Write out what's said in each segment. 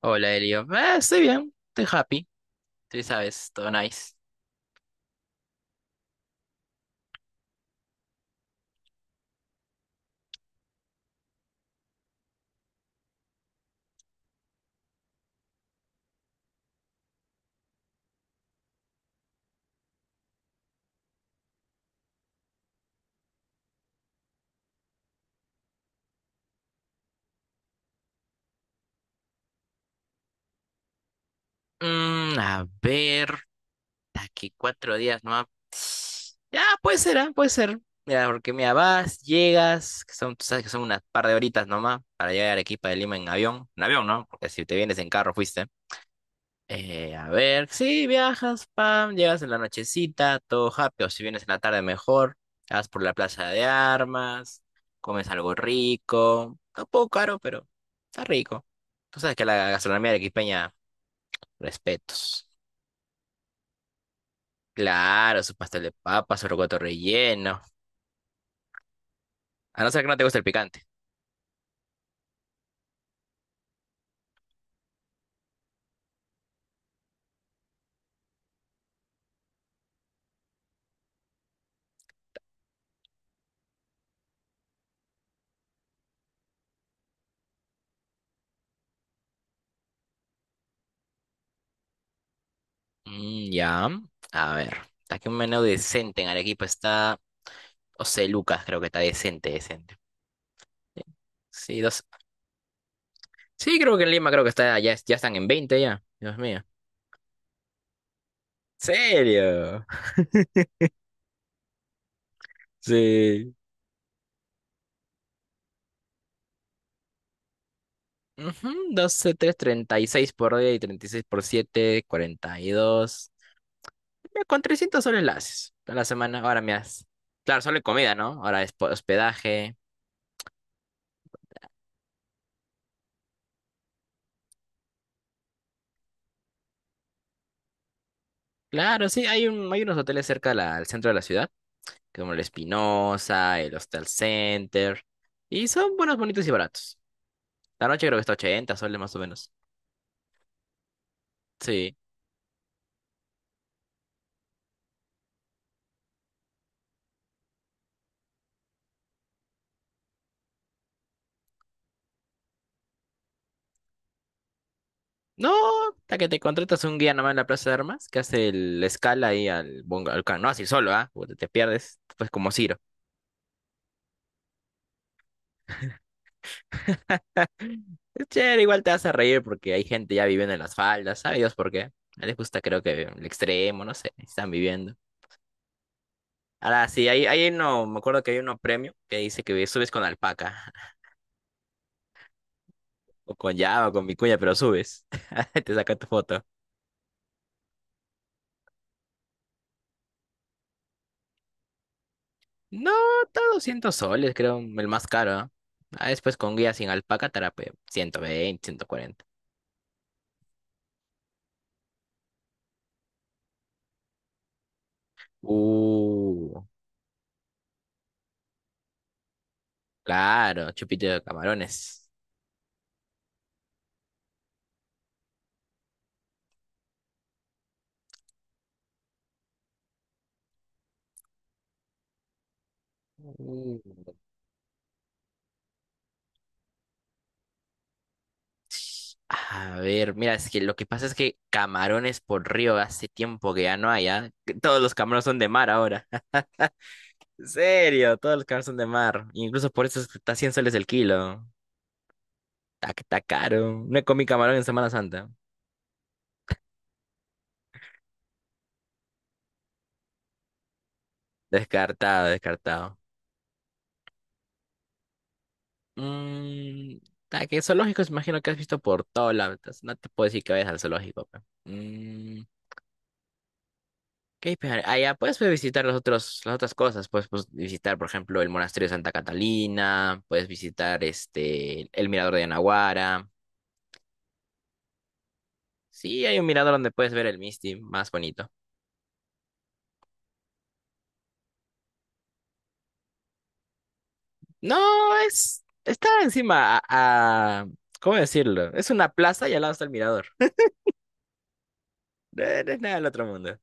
Hola, Elio. Estoy bien, estoy happy, tú sabes, todo nice. A ver, aquí 4 días, ¿no? Ah, ya, puede ser, ah, puede ser. Mira, porque mira, vas, llegas, que son, tú sabes que son unas par de horitas nomás para llegar a Arequipa de Lima en avión. En avión, ¿no? Porque si te vienes en carro, fuiste. A ver, sí, viajas, pam, llegas en la nochecita, todo happy, o si vienes en la tarde mejor, vas por la Plaza de Armas, comes algo rico, está un poco caro, pero está rico. Tú sabes que la gastronomía de arequipeña, respetos. Claro, su pastel de papa, su rocoto relleno, a no ser que no te guste el picante. Ya, a ver, aquí un menú decente en Arequipa está, o sea, lucas creo que está decente, decente. Sí, sí, creo que en Lima creo que está, ya, ya están en 20 ya. Dios mío. ¿Serio? Sí. Ujú, doce, tres, 36 por día y 36 por 7, 42. Mira, con 300 soles la haces a la semana. Ahora me haces. Claro, solo en comida, ¿no? Ahora es po- hospedaje. Claro, sí, hay, un, hay unos hoteles cerca de la- al centro de la ciudad, como el Espinosa, el Hostel Center. Y son buenos, bonitos y baratos. La noche creo que está 80 soles más o menos. Sí. No, hasta que te contratas un guía nomás en la Plaza de Armas, que hace el- la escala ahí al bongo, al can- no así solo, ¿ah? Puta, te pierdes, pues como Ciro. Es chévere, igual te hace reír porque hay gente ya viviendo en las faldas, ¿sabes Dios por qué? A les gusta creo que el extremo, no sé, están viviendo. Ahora sí, hay uno, me acuerdo que hay uno premio que dice que subes con alpaca, o con llama, o con vicuña, pero subes. Te saca tu foto. No, está 200 soles, creo, el más caro, ¿ah? Ah, después con guía sin alpaca, estará pues 120, 140. Uh, claro, chupito de camarones. Uh, A ver, mira, es que lo que pasa es que camarones por río hace tiempo que ya no hay, ¿ah? Que todos los camarones son de mar ahora. En serio, todos los camarones son de mar. Incluso por eso es que está 100 soles el kilo. Está, está caro. No he comido camarón en Semana Santa. Descartado, descartado. Mmm, que zoológicos imagino que has visto por todos lados. No te puedo decir que vayas al zoológico. Pe. Mm, Ok, pero allá puedes pues, visitar los otros, las otras cosas. Puedes pues, visitar, por ejemplo, el monasterio de Santa Catalina, puedes visitar este, el mirador de Anahuara. Sí, hay un mirador donde puedes ver el Misti más bonito. No, es, está encima a, a- ¿cómo decirlo? Es una plaza y al lado está el mirador. No, no es nada del otro mundo.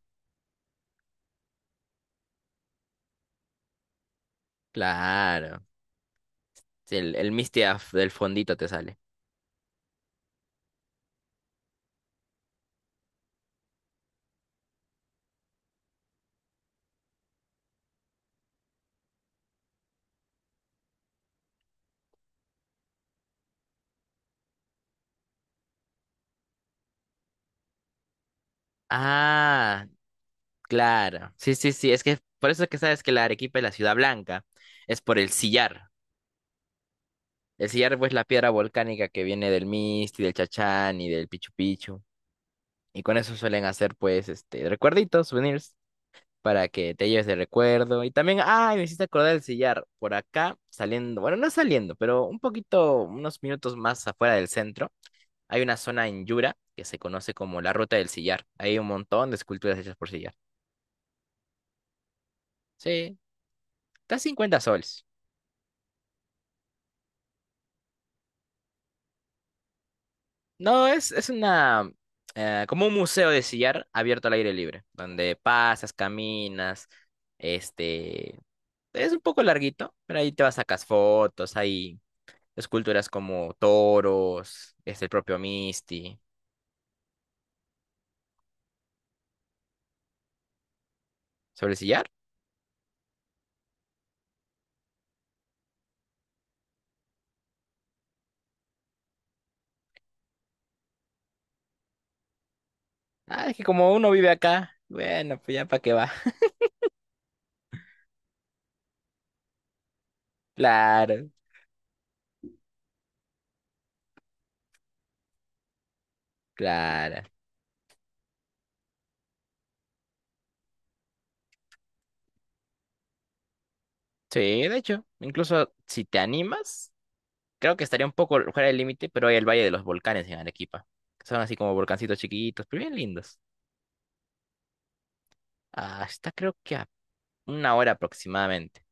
Claro. Sí, el Misti af- del fondito te sale. Ah, claro. Sí, sí, sí. Es que por eso es que sabes que la Arequipa es la ciudad blanca. Es por el sillar. El sillarbo es la piedra volcánica que viene del Misti del Chachán y del Pichu Pichu. Y con eso suelen hacer, pues, este, recuerditos, souvenirs, para que te lleves de recuerdo. Y también, ay, me hiciste acordar del sillar. Por acá, saliendo, bueno, no saliendo, pero un poquito, unos minutos más afuera del centro, hay una zona en Yura que se conoce como la Ruta del Sillar. Hay un montón de esculturas hechas por sillar. Sí, está 50 soles. No, es una, como un museo de sillar abierto al aire libre, donde pasas, caminas, este, es un poco larguito, pero ahí te vas a sacar fotos, hay esculturas como toros, es el propio Misty, sobre el sillar. Ah, es que como uno vive acá, bueno, pues ya para qué va. Claro, claro. Sí, de hecho, incluso si te animas. Creo que estaría un poco fuera del límite, pero hay el Valle de los Volcanes en Arequipa. Que son así como volcancitos chiquitos, pero bien lindos. Ah, está creo que a una hora aproximadamente.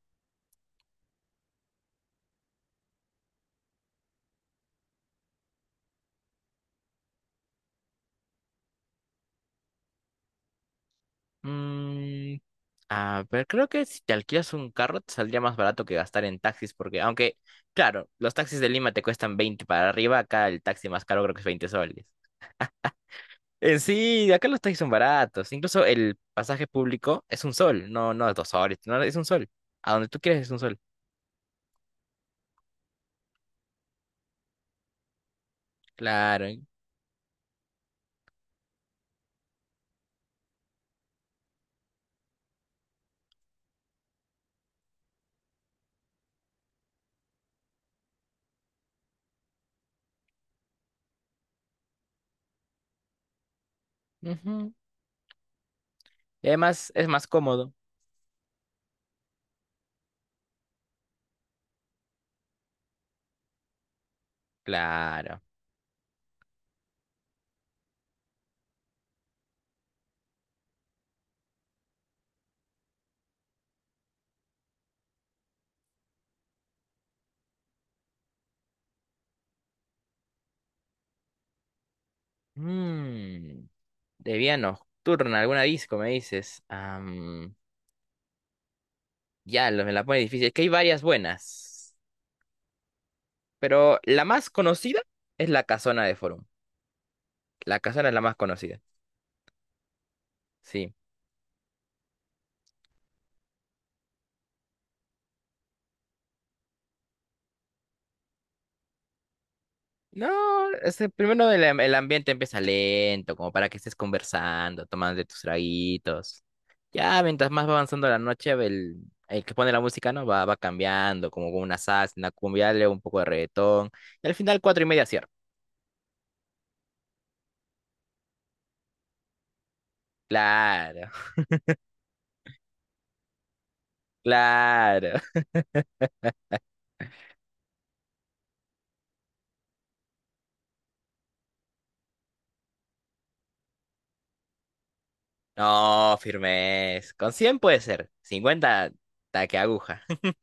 Mm, a ver, creo que si te alquilas un carro te saldría más barato que gastar en taxis, porque aunque, claro, los taxis de Lima te cuestan 20 para arriba, acá el taxi más caro creo que es 20 soles. En sí, acá los taxis son baratos. Incluso el pasaje público es 1 sol, no, no es 2 soles, no, es 1 sol. A donde tú quieres es 1 sol. Claro. Ujú. Y además es más cómodo. Claro. Mm, de vía nocturna, alguna disco, me dices. Ya, me la pone difícil. Es que hay varias buenas. Pero la más conocida es la Casona de Forum. La Casona es la más conocida. Sí. No, este, primero el, el ambiente empieza lento, como para que estés conversando, tomando tus traguitos. Ya, mientras más va avanzando la noche, el que pone la música, ¿no? Va cambiando, como con una salsa, una cumbia, luego un poco de reggaetón. Y al final, 4:30 cierra. Claro, claro. No, firmes. Con 100 puede ser. 50 taque aguja.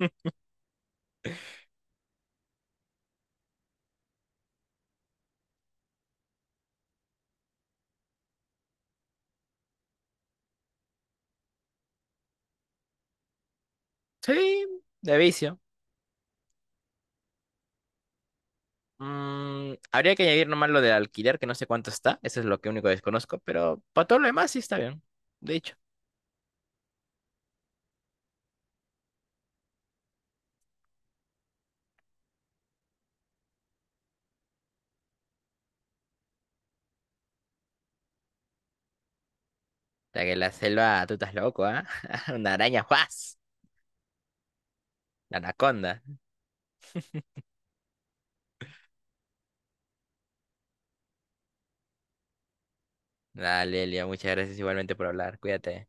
Sí, de vicio. Habría que añadir nomás lo del alquiler, que no sé cuánto está. Eso es lo que único desconozco, pero para todo lo demás sí está bien. De hecho, ya que la selva, tú estás loco, ¿ah? Una araña, ¡juas! La anaconda. Dale, Elia, muchas gracias igualmente por hablar. Cuídate.